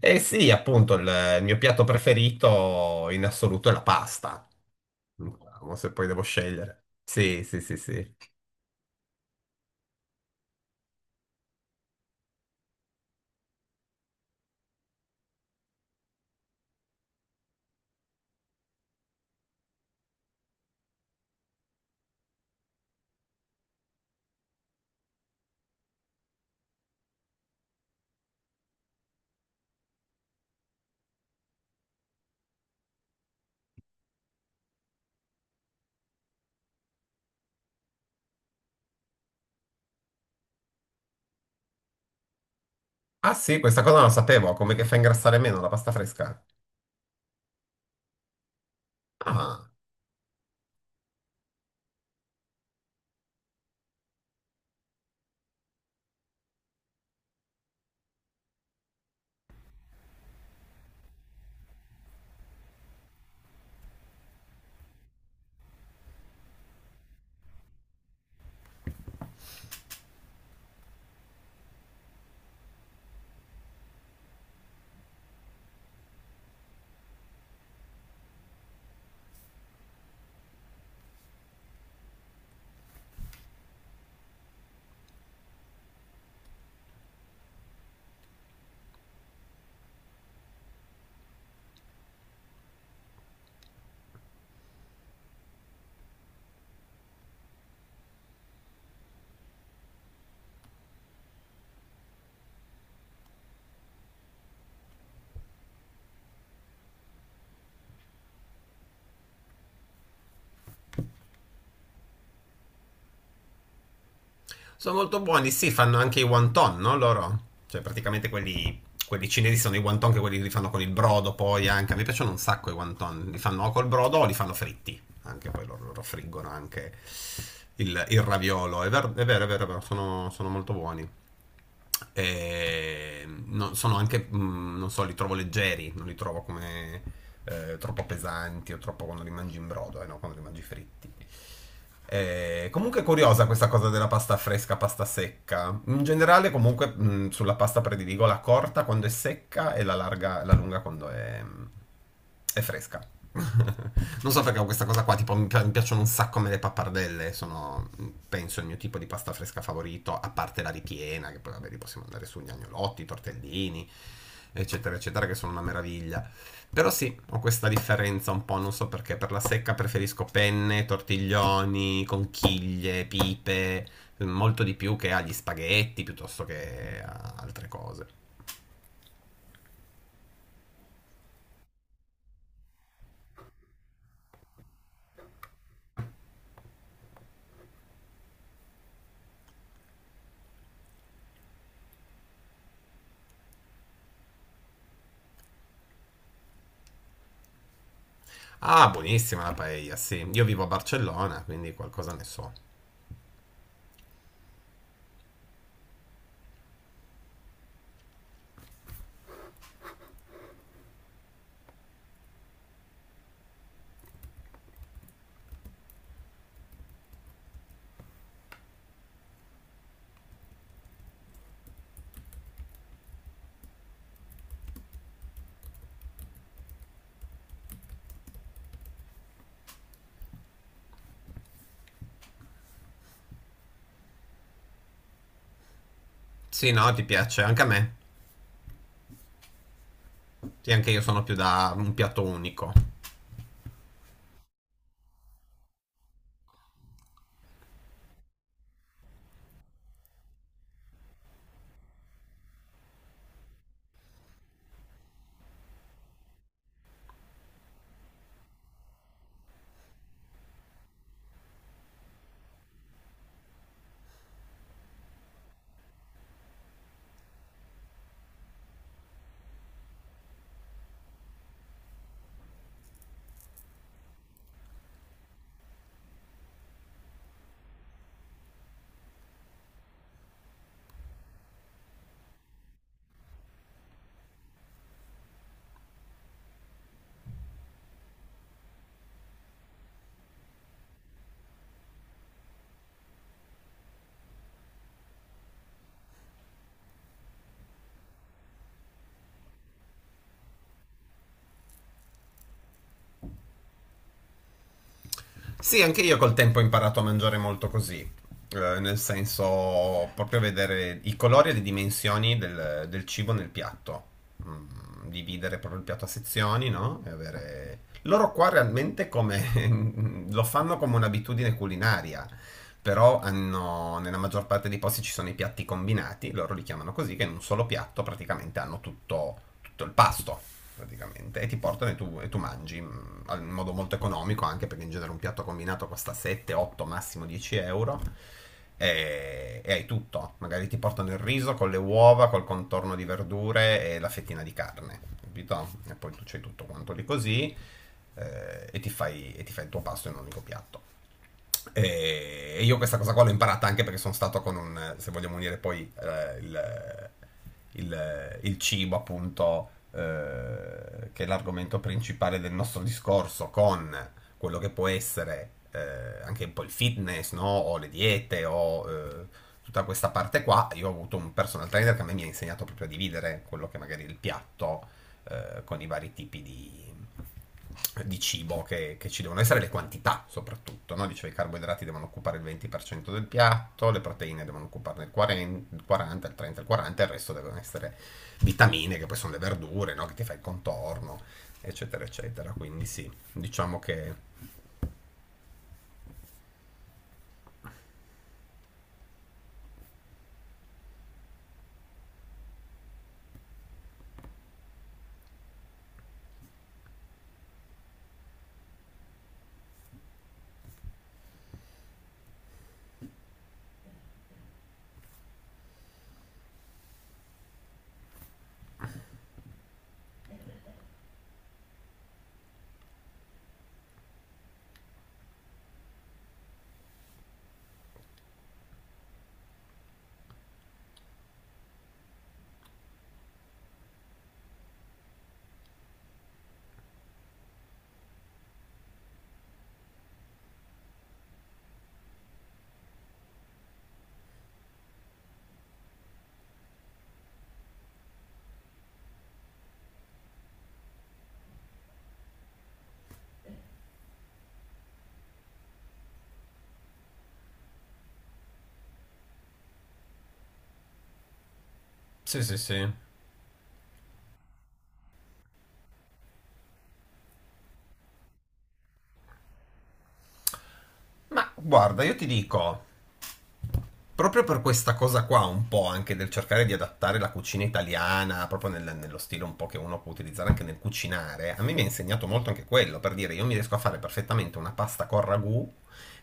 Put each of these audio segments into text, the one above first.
Eh sì, appunto, il mio piatto preferito in assoluto è la pasta. Diciamo, se poi devo scegliere. Sì, sì, sì, sì. Ah sì, questa cosa non la sapevo. Come, che fa ingrassare meno la pasta fresca? Ah. Sono molto buoni, sì, fanno anche i wonton, no? Loro? Cioè, praticamente quelli, quelli cinesi sono i wonton, che quelli che li fanno con il brodo poi anche. Mi piacciono un sacco i wonton. Li fanno o col brodo o li fanno fritti. Anche poi loro friggono anche il raviolo. È vero, è vero, è vero, è vero, sono molto buoni. Sono anche, non so, li trovo leggeri, non li trovo come troppo pesanti o troppo quando li mangi in brodo, no? Quando li mangi fritti. Comunque è curiosa questa cosa della pasta fresca, pasta secca. In generale, comunque, sulla pasta prediligo la corta quando è secca e la larga, la lunga quando è fresca. Non so perché ho questa cosa qua, tipo mi piacciono un sacco a me le pappardelle, sono penso il mio tipo di pasta fresca favorito, a parte la ripiena, che poi vabbè, li possiamo andare su gli agnolotti, i tortellini, eccetera, eccetera, che sono una meraviglia. Però sì, ho questa differenza un po', non so perché. Per la secca preferisco penne, tortiglioni, conchiglie, pipe, molto di più che agli spaghetti piuttosto che a altre cose. Ah, buonissima la paella, sì. Io vivo a Barcellona, quindi qualcosa ne so. Sì, no, ti piace anche a me. Sì, anche io sono più da un piatto unico. Sì, anche io col tempo ho imparato a mangiare molto così. Nel senso, proprio vedere i colori e le dimensioni del cibo nel piatto. Mm, dividere proprio il piatto a sezioni, no? E avere. Loro qua realmente come lo fanno come un'abitudine culinaria. Però hanno, nella maggior parte dei posti ci sono i piatti combinati, loro li chiamano così, che in un solo piatto praticamente hanno tutto, tutto il pasto praticamente, e ti portano e tu mangi in modo molto economico anche perché in genere un piatto combinato costa 7, 8, massimo 10 euro e hai tutto, magari ti portano il riso con le uova, col contorno di verdure e la fettina di carne, capito? E poi tu c'hai tutto quanto lì così ti fai il tuo pasto in un unico piatto. E io questa cosa qua l'ho imparata anche perché sono stato con un, se vogliamo unire poi il cibo, appunto, che è l'argomento principale del nostro discorso, con quello che può essere anche un po' il fitness, no? O le diete, o tutta questa parte qua. Io ho avuto un personal trainer che a me mi ha insegnato proprio a dividere quello che magari è il piatto con i vari tipi di cibo che ci devono essere, le quantità soprattutto, no? Dicevo, i carboidrati devono occupare il 20% del piatto, le proteine devono occuparne il 40, il 40, il 30, il 40, il resto devono essere vitamine, che poi sono le verdure, no? Che ti fai il contorno, eccetera, eccetera. Quindi sì, diciamo che. Sì, sì, sì. Ma guarda, io ti dico. Proprio per questa cosa qua, un po' anche del cercare di adattare la cucina italiana, proprio nello stile un po' che uno può utilizzare anche nel cucinare, a me mi ha insegnato molto anche quello, per dire, io mi riesco a fare perfettamente una pasta con ragù,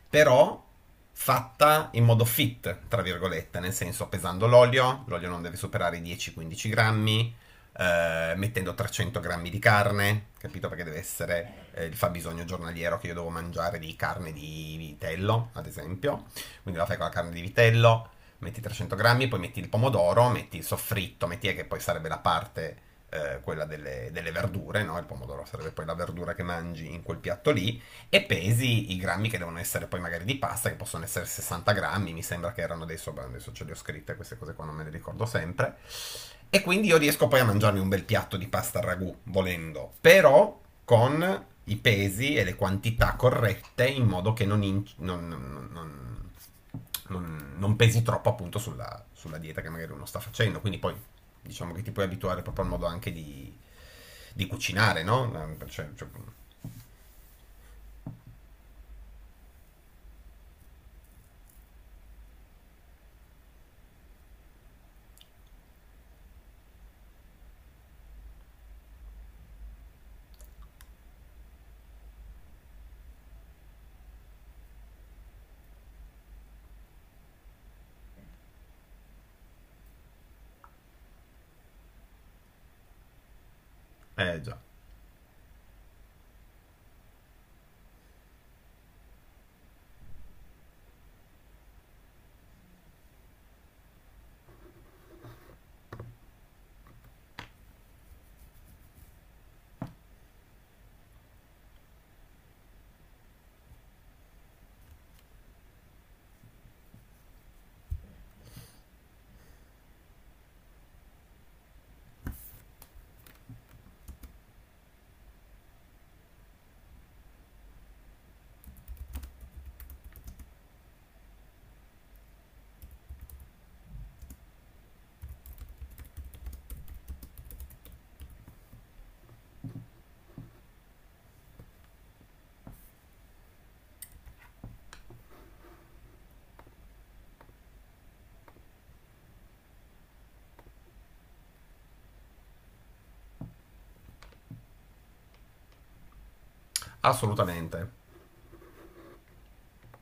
però fatta in modo fit, tra virgolette, nel senso pesando l'olio, l'olio non deve superare i 10-15 grammi, mettendo 300 grammi di carne, capito? Perché deve essere il fabbisogno giornaliero che io devo mangiare di carne di vitello, ad esempio, quindi la fai con la carne di vitello, metti 300 grammi, poi metti il pomodoro, metti il soffritto, metti che poi sarebbe la parte, quella delle verdure, no? Il pomodoro sarebbe poi la verdura che mangi in quel piatto lì, e pesi i grammi che devono essere poi magari di pasta, che possono essere 60 grammi, mi sembra che erano adesso, beh, adesso ce le ho scritte queste cose qua, non me le ricordo sempre. E quindi io riesco poi a mangiarmi un bel piatto di pasta al ragù, volendo, però con i pesi e le quantità corrette in modo che non, non pesi troppo appunto sulla dieta che magari uno sta facendo. Quindi poi diciamo che ti puoi abituare proprio al modo anche di cucinare, no? Cioè, eh già. Assolutamente.